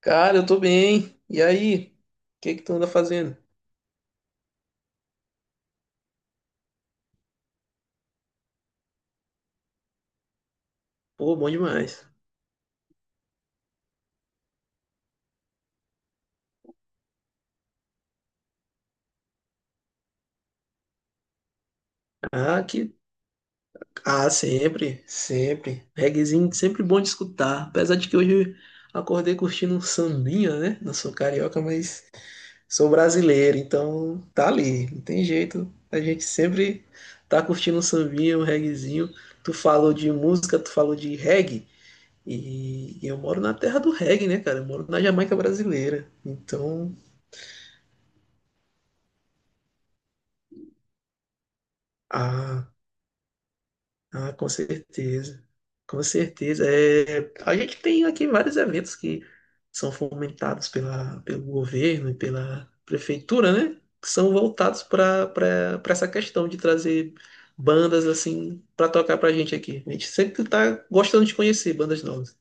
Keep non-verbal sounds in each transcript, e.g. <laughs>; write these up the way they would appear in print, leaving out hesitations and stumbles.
Cara, eu tô bem. E aí? O que que tu anda fazendo? Pô, bom demais. Ah, que... Ah, sempre, sempre. Reguezinho, sempre bom de escutar. Apesar de que hoje eu acordei curtindo um sambinha, né? Não sou carioca, mas sou brasileiro, então tá ali. Não tem jeito. A gente sempre tá curtindo um sambinha, um reguezinho. Tu falou de música, tu falou de reggae. E eu moro na terra do reggae, né, cara? Eu moro na Jamaica brasileira. Então, ah. Ah, com certeza. Com certeza. É, a gente tem aqui vários eventos que são fomentados pelo governo e pela prefeitura, né? Que são voltados para essa questão de trazer bandas assim para tocar pra gente aqui. A gente sempre tá gostando de conhecer bandas novas.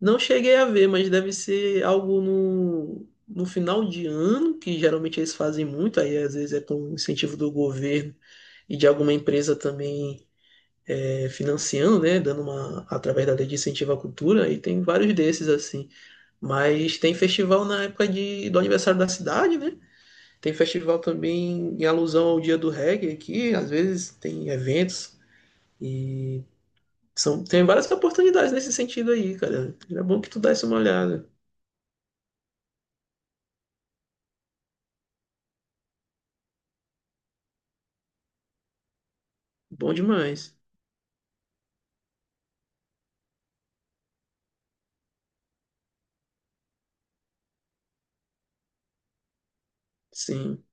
Não cheguei a ver, mas deve ser algo no final de ano, que geralmente eles fazem muito, aí às vezes é com incentivo do governo e de alguma empresa também financiando, né, dando uma através da lei de incentivo à cultura e tem vários desses assim. Mas tem festival na época do aniversário da cidade, né? Tem festival também em alusão ao Dia do Reggae aqui, às vezes tem eventos e tem várias oportunidades nesse sentido aí, cara. É bom que tu desse uma olhada. Bom demais. Sim.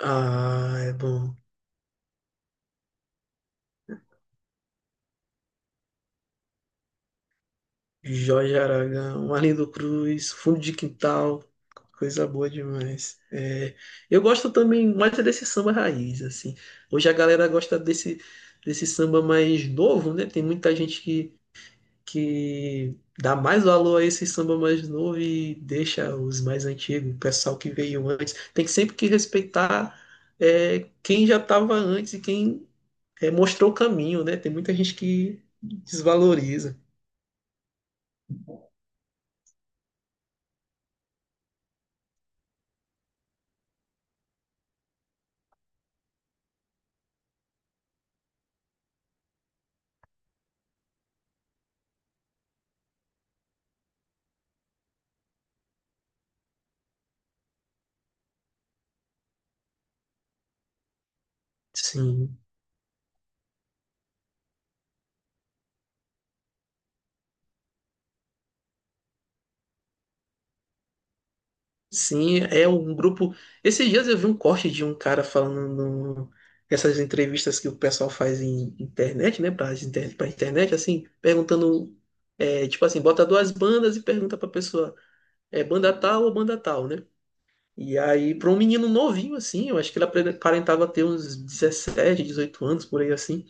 Ah, é bom. Jorge Aragão, Arlindo Cruz, Fundo de Quintal, coisa boa demais. É, eu gosto também mais é desse samba raiz, assim. Hoje a galera gosta desse samba mais novo, né? Tem muita gente que dá mais valor a esse samba mais novo e deixa os mais antigos, o pessoal que veio antes. Tem que sempre que respeitar quem já estava antes e quem mostrou o caminho, né? Tem muita gente que desvaloriza. Sim. Sim, é um grupo. Esses dias eu vi um corte de um cara falando no- nessas entrevistas que o pessoal faz em internet, né? Pra internet, assim, perguntando. É, tipo assim, bota duas bandas e pergunta pra pessoa: é banda tal ou banda tal, né? E aí, pra um menino novinho, assim, eu acho que aparentava ter uns 17 18 anos, por aí assim.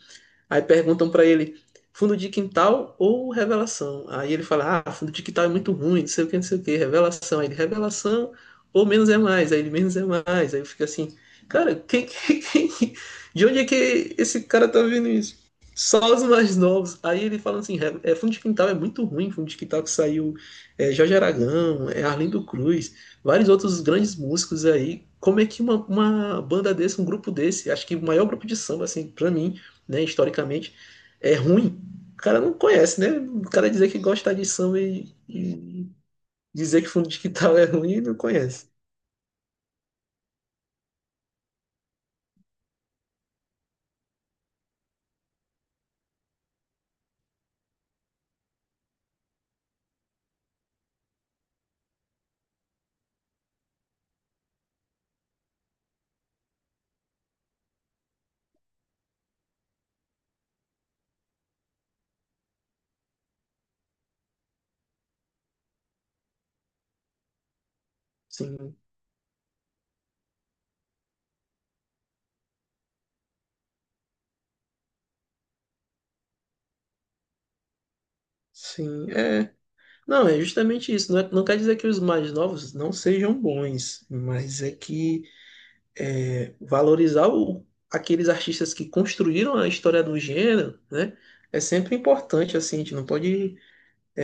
Aí perguntam pra ele, fundo de quintal ou revelação? Aí ele fala, ah, fundo de quintal é muito ruim, não sei o que, não sei o que, revelação. Aí ele, revelação ou menos é mais? Aí ele, menos é mais. Aí eu fico assim, cara, quem, de onde é que esse cara tá vendo isso? Só os mais novos. Aí ele fala assim, é, fundo de quintal é muito ruim, fundo de quintal que saiu Jorge Aragão, é Arlindo Cruz, vários outros grandes músicos aí. Como é que uma banda desse, um grupo desse, acho que o maior grupo de samba, assim, pra mim, né, historicamente, é ruim, o cara não conhece, né? O cara dizer que gosta de samba e dizer que fundo de quintal <laughs> é ruim, não conhece. Sim, sim, é. Não, é justamente isso. Não quer dizer que os mais novos não sejam bons, mas é que valorizar aqueles artistas que construíram a história do gênero, né? É sempre importante, assim, a gente não pode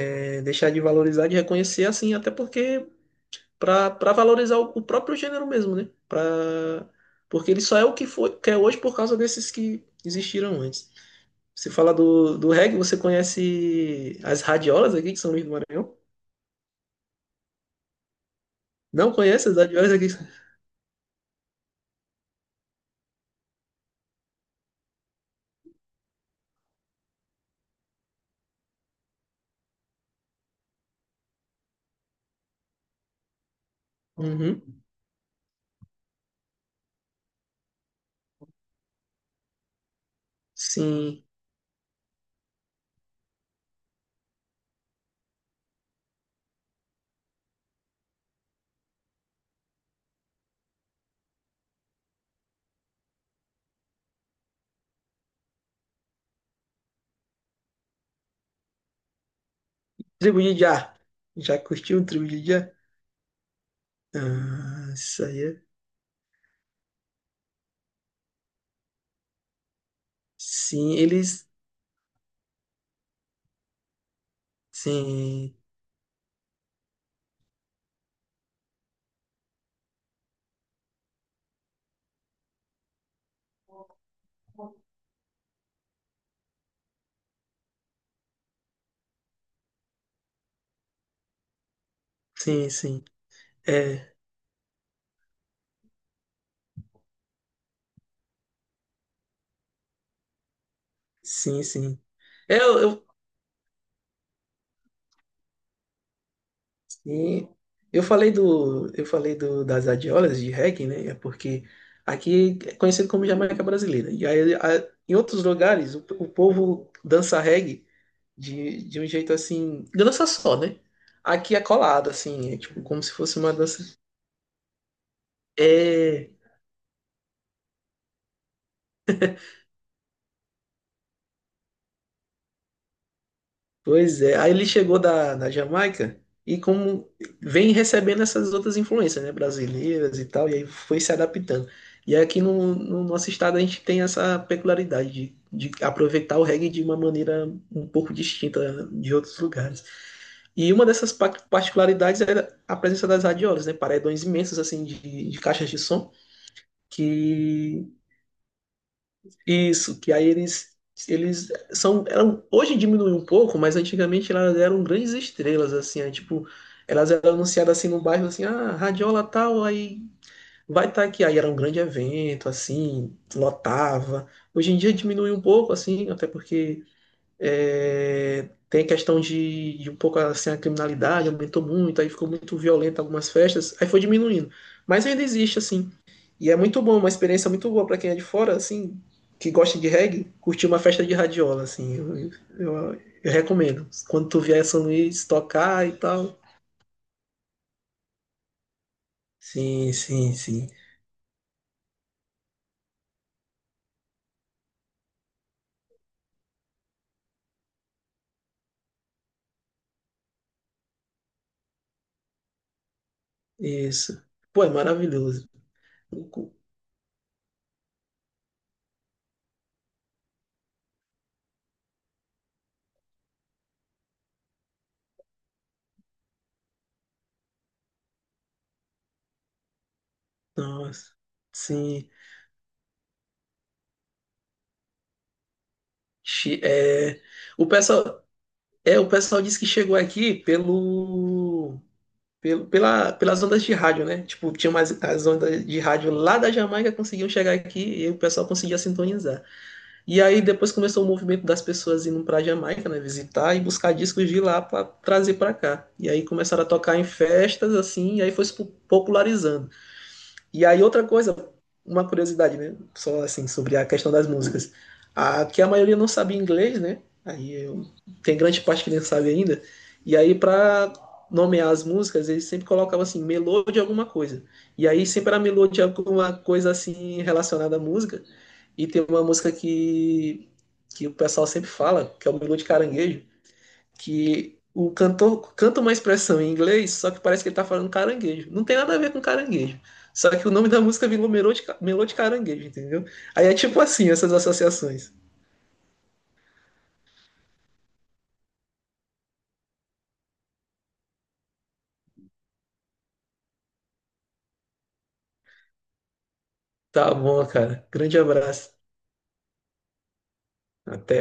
deixar de valorizar, de reconhecer, assim, até porque para valorizar o próprio gênero mesmo, né? Pra, porque ele só é o que foi, que é hoje por causa desses que existiram antes. Você fala do reggae, você conhece as radiolas aqui que são Luís do Maranhão? Não conhece as radiolas aqui? Uhum. Sim. Tribo de Já. Já curtiu o Tribo de Já? Ah, isso aí é. Sim, eles. Sim, sim, sim. É, sim, sim. É, eu, eu e Eu falei eu falei das adiolas de reggae, né? É porque aqui é conhecido como Jamaica Brasileira. E aí, em outros lugares, o povo dança reggae de um jeito assim, dança só, né? Aqui é colado, assim, é tipo como se fosse uma dança. É, pois é, aí ele chegou da Jamaica e como vem recebendo essas outras influências, né, brasileiras e tal, e aí foi se adaptando. E aqui no nosso estado a gente tem essa peculiaridade de aproveitar o reggae de uma maneira um pouco distinta de outros lugares. E uma dessas particularidades era a presença das radiolas, né, paredões imensos assim de caixas de som que isso, que aí eles eles são eram hoje diminuiu um pouco, mas antigamente elas eram grandes estrelas assim, aí, tipo, elas eram anunciadas assim no bairro assim, ah, radiola tal, aí vai estar aqui, aí era um grande evento assim, lotava. Hoje em dia diminuiu um pouco assim, até porque tem a questão de um pouco assim a criminalidade aumentou muito, aí ficou muito violenta algumas festas, aí foi diminuindo. Mas ainda existe assim. E é muito bom, uma experiência muito boa para quem é de fora, assim, que gosta de reggae, curtir uma festa de radiola, assim. Eu, eu recomendo. Quando tu vier a São Luís tocar e tal. Sim, sim, sim. Isso. Pô, é maravilhoso. Nossa. Sim. Chi- É, o pessoal, é, o pessoal disse que chegou aqui pelo, pelas ondas de rádio, né? Tipo, tinha umas as ondas de rádio lá da Jamaica conseguiam chegar aqui e o pessoal conseguia sintonizar. E aí depois começou o movimento das pessoas indo para Jamaica, né, visitar e buscar discos de lá para trazer para cá. E aí começaram a tocar em festas assim, e aí foi se popularizando. E aí outra coisa, uma curiosidade, né? Só assim, sobre a questão das músicas. A, que a maioria não sabia inglês, né? Tem grande parte que nem sabe ainda. E aí para nomear as músicas, eles sempre colocavam assim, melô de alguma coisa. E aí sempre era melô de alguma coisa assim relacionada à música. E tem uma música que o pessoal sempre fala, que é o melô de caranguejo que o cantor canta uma expressão em inglês, só que parece que ele tá falando caranguejo. Não tem nada a ver com caranguejo. Só que o nome da música virou Melô de Caranguejo, entendeu? Aí é tipo assim, essas associações. Tá bom, cara. Grande abraço. Até.